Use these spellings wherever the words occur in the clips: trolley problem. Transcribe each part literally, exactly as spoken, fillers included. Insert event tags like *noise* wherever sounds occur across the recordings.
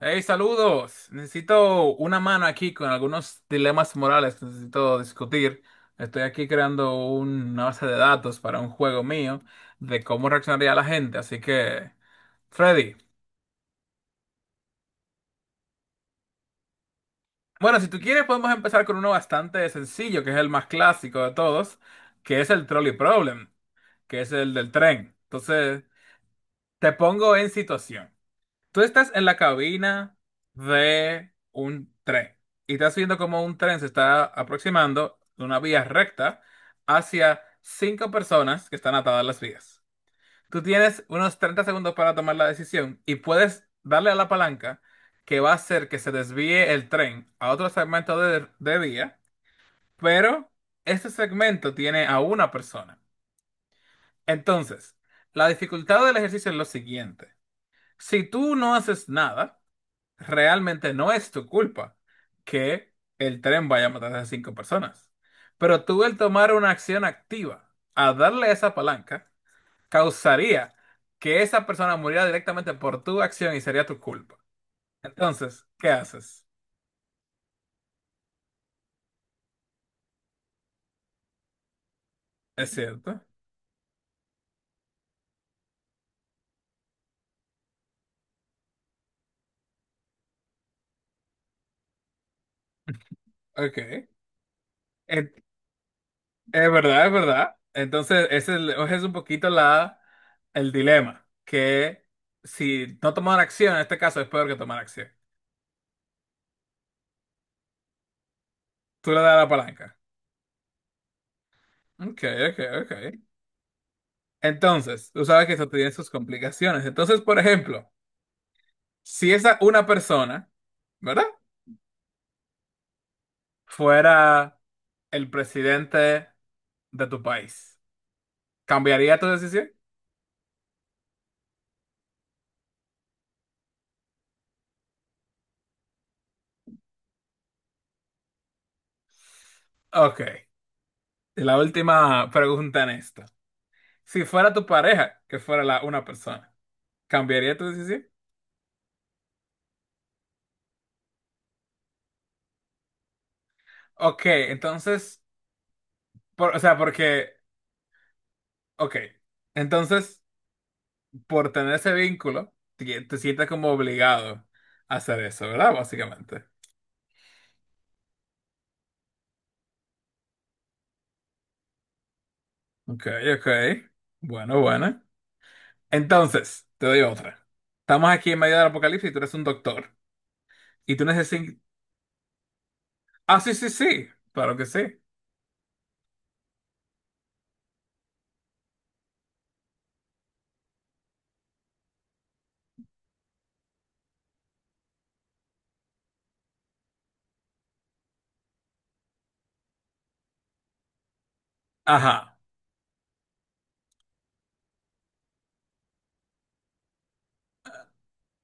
Hey, saludos. Necesito una mano aquí con algunos dilemas morales que necesito discutir. Estoy aquí creando una base de datos para un juego mío de cómo reaccionaría la gente. Así que, Freddy. Bueno, si tú quieres, podemos empezar con uno bastante sencillo, que es el más clásico de todos, que es el trolley problem, que es el del tren. Entonces, te pongo en situación. Tú estás en la cabina de un tren y estás viendo cómo un tren se está aproximando de una vía recta hacia cinco personas que están atadas a las vías. Tú tienes unos treinta segundos para tomar la decisión y puedes darle a la palanca que va a hacer que se desvíe el tren a otro segmento de, de vía, pero este segmento tiene a una persona. Entonces, la dificultad del ejercicio es lo siguiente. Si tú no haces nada, realmente no es tu culpa que el tren vaya a matar a cinco personas. Pero tú el tomar una acción activa a darle esa palanca causaría que esa persona muriera directamente por tu acción y sería tu culpa. Entonces, ¿qué haces? ¿Es cierto? Ok. Es, es verdad, es verdad. Entonces, ese es, ese es un poquito la, el dilema, que si no tomar acción, en este caso es peor que tomar acción. Tú le das la palanca. Ok, ok, ok. Entonces, tú sabes que eso tiene sus complicaciones. Entonces, por ejemplo, si esa una persona, ¿verdad? Fuera el presidente de tu país, ¿cambiaría tu decisión? Ok. Y la última pregunta en esto. Si fuera tu pareja, que fuera la una persona, ¿cambiaría tu decisión? Ok, entonces, por- o sea, porque, ok, entonces, por tener ese vínculo, te te sientes como obligado a hacer eso, ¿verdad? Básicamente. Ok, ok. Bueno, bueno. Entonces, te doy otra. Estamos aquí en medio del apocalipsis y tú eres un doctor. Y tú necesitas... Ah, sí, sí, sí. Claro que sí. Ajá.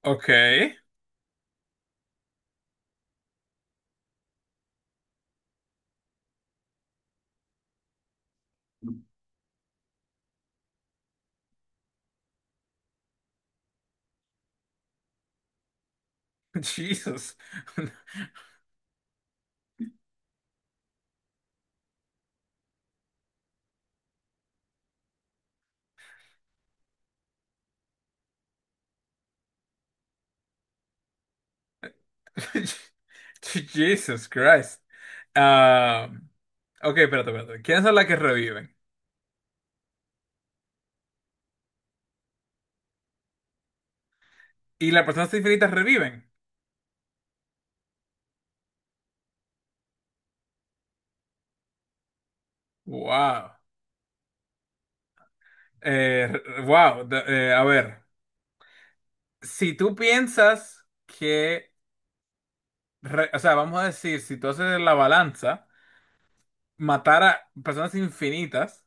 Ok. Jesus. *laughs* Jesus Christ. Ah, ok, espérate, espérate. ¿Quiénes son las que reviven? ¿Y las personas infinitas reviven? Wow. Eh, re- wow. De- eh, a ver. Si tú piensas que... re- o sea, vamos a decir, si tú haces la balanza... matar a personas infinitas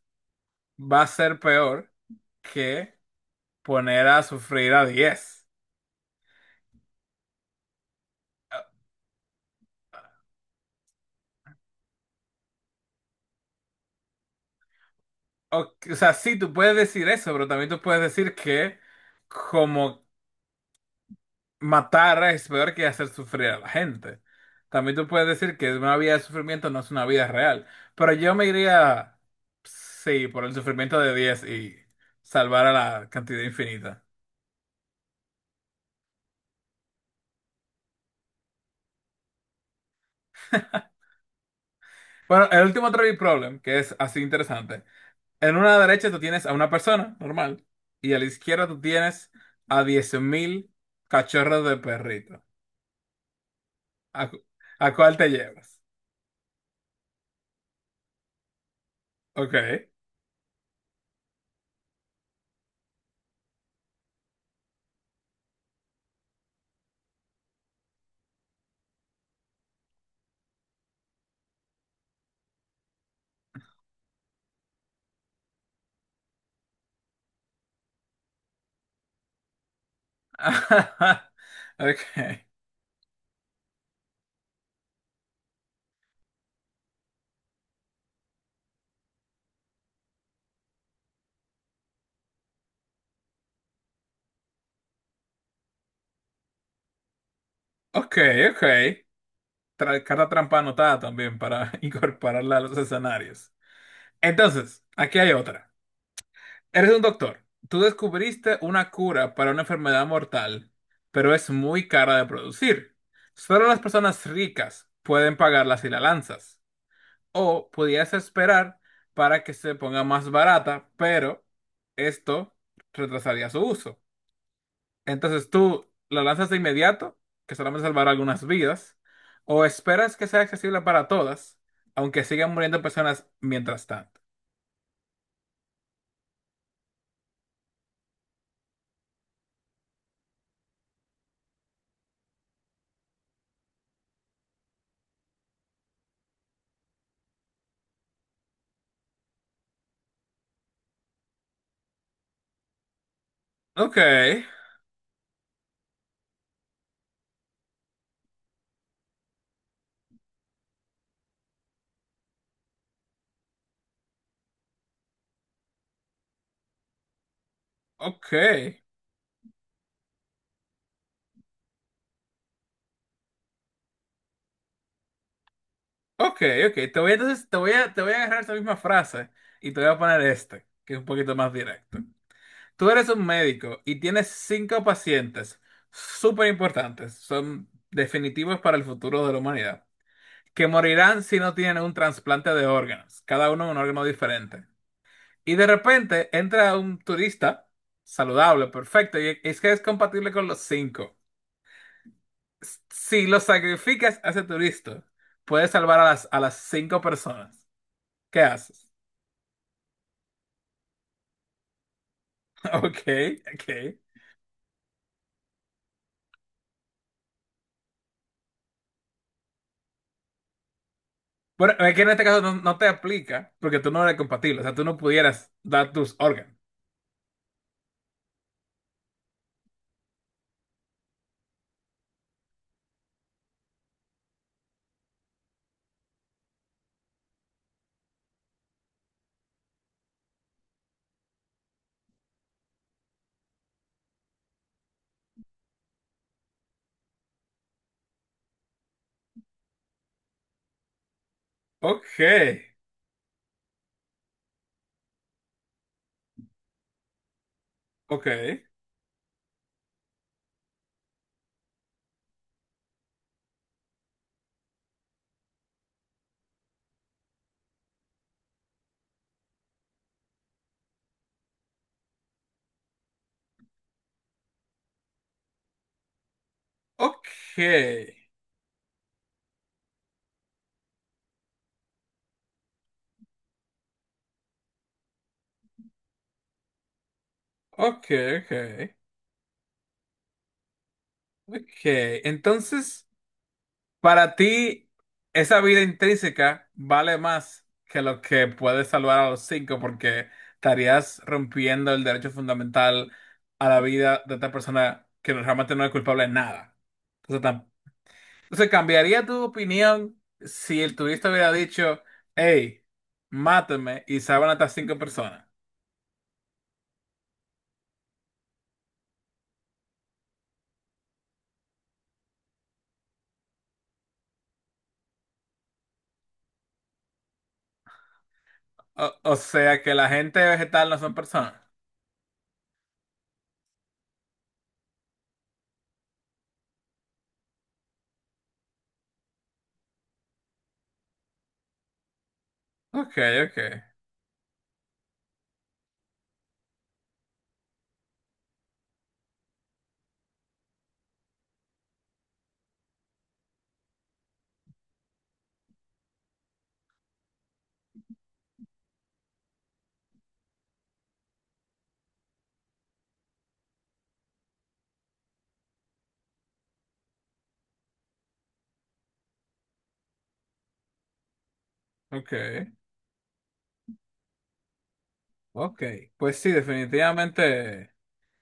va a ser peor que poner a sufrir a diez. O, o sea, sí, tú puedes decir eso, pero también tú puedes decir que como matar es peor que hacer sufrir a la gente. También tú puedes decir que una vida de sufrimiento no es una vida real. Pero yo me iría, sí, por el sufrimiento de diez y salvar a la cantidad infinita. Bueno, el último trivia problem, que es así interesante. En una derecha tú tienes a una persona normal y a la izquierda tú tienes a diez mil cachorros de perrito. ¿A, cu- a cuál te llevas? Ok. *laughs* Ok. Ok, ok. Tra- carta trampa anotada también para *laughs* incorporarla a los escenarios. Entonces, aquí hay otra. Eres un doctor. Tú descubriste una cura para una enfermedad mortal, pero es muy cara de producir. Solo las personas ricas pueden pagarla si la lanzas. O podías esperar para que se ponga más barata, pero esto retrasaría su uso. Entonces tú la lanzas de inmediato, que solamente salvará algunas vidas, o esperas que sea accesible para todas, aunque sigan muriendo personas mientras tanto. Ok, ok, ok, ok. Te voy, entonces, te voy a, te voy a agarrar esa misma frase y te voy a poner este, que es un poquito más directo. Tú eres un médico y tienes cinco pacientes súper importantes, son definitivos para el futuro de la humanidad, que morirán si no tienen un trasplante de órganos, cada uno un órgano diferente. Y de repente entra un turista saludable, perfecto, y es que es compatible con los cinco. Si lo sacrificas a ese turista, puedes salvar a las, a las cinco personas. ¿Qué haces? *laughs* Ok, ok. Bueno, es que en este caso no, no te aplica porque tú no eres compatible, o sea, tú no pudieras dar tus órganos. Ok, ok, ok, ok, ok, ok. Entonces, para ti, esa vida intrínseca vale más que lo que puedes salvar a los cinco porque estarías rompiendo el derecho fundamental a la vida de esta persona que realmente no es culpable de nada. Entonces, Entonces, ¿cambiaría tu opinión si el turista hubiera dicho, hey, mátame y salvan hasta cinco personas? O, o sea que la gente vegetal no son personas. Ok, ok, ok, ok. Pues sí, definitivamente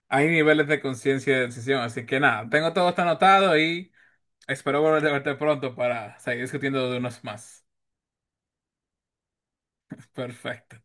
hay niveles de conciencia y de decisión. Así que nada, tengo todo esto anotado y espero volver a verte pronto para seguir discutiendo de unos más. *laughs* Perfecto.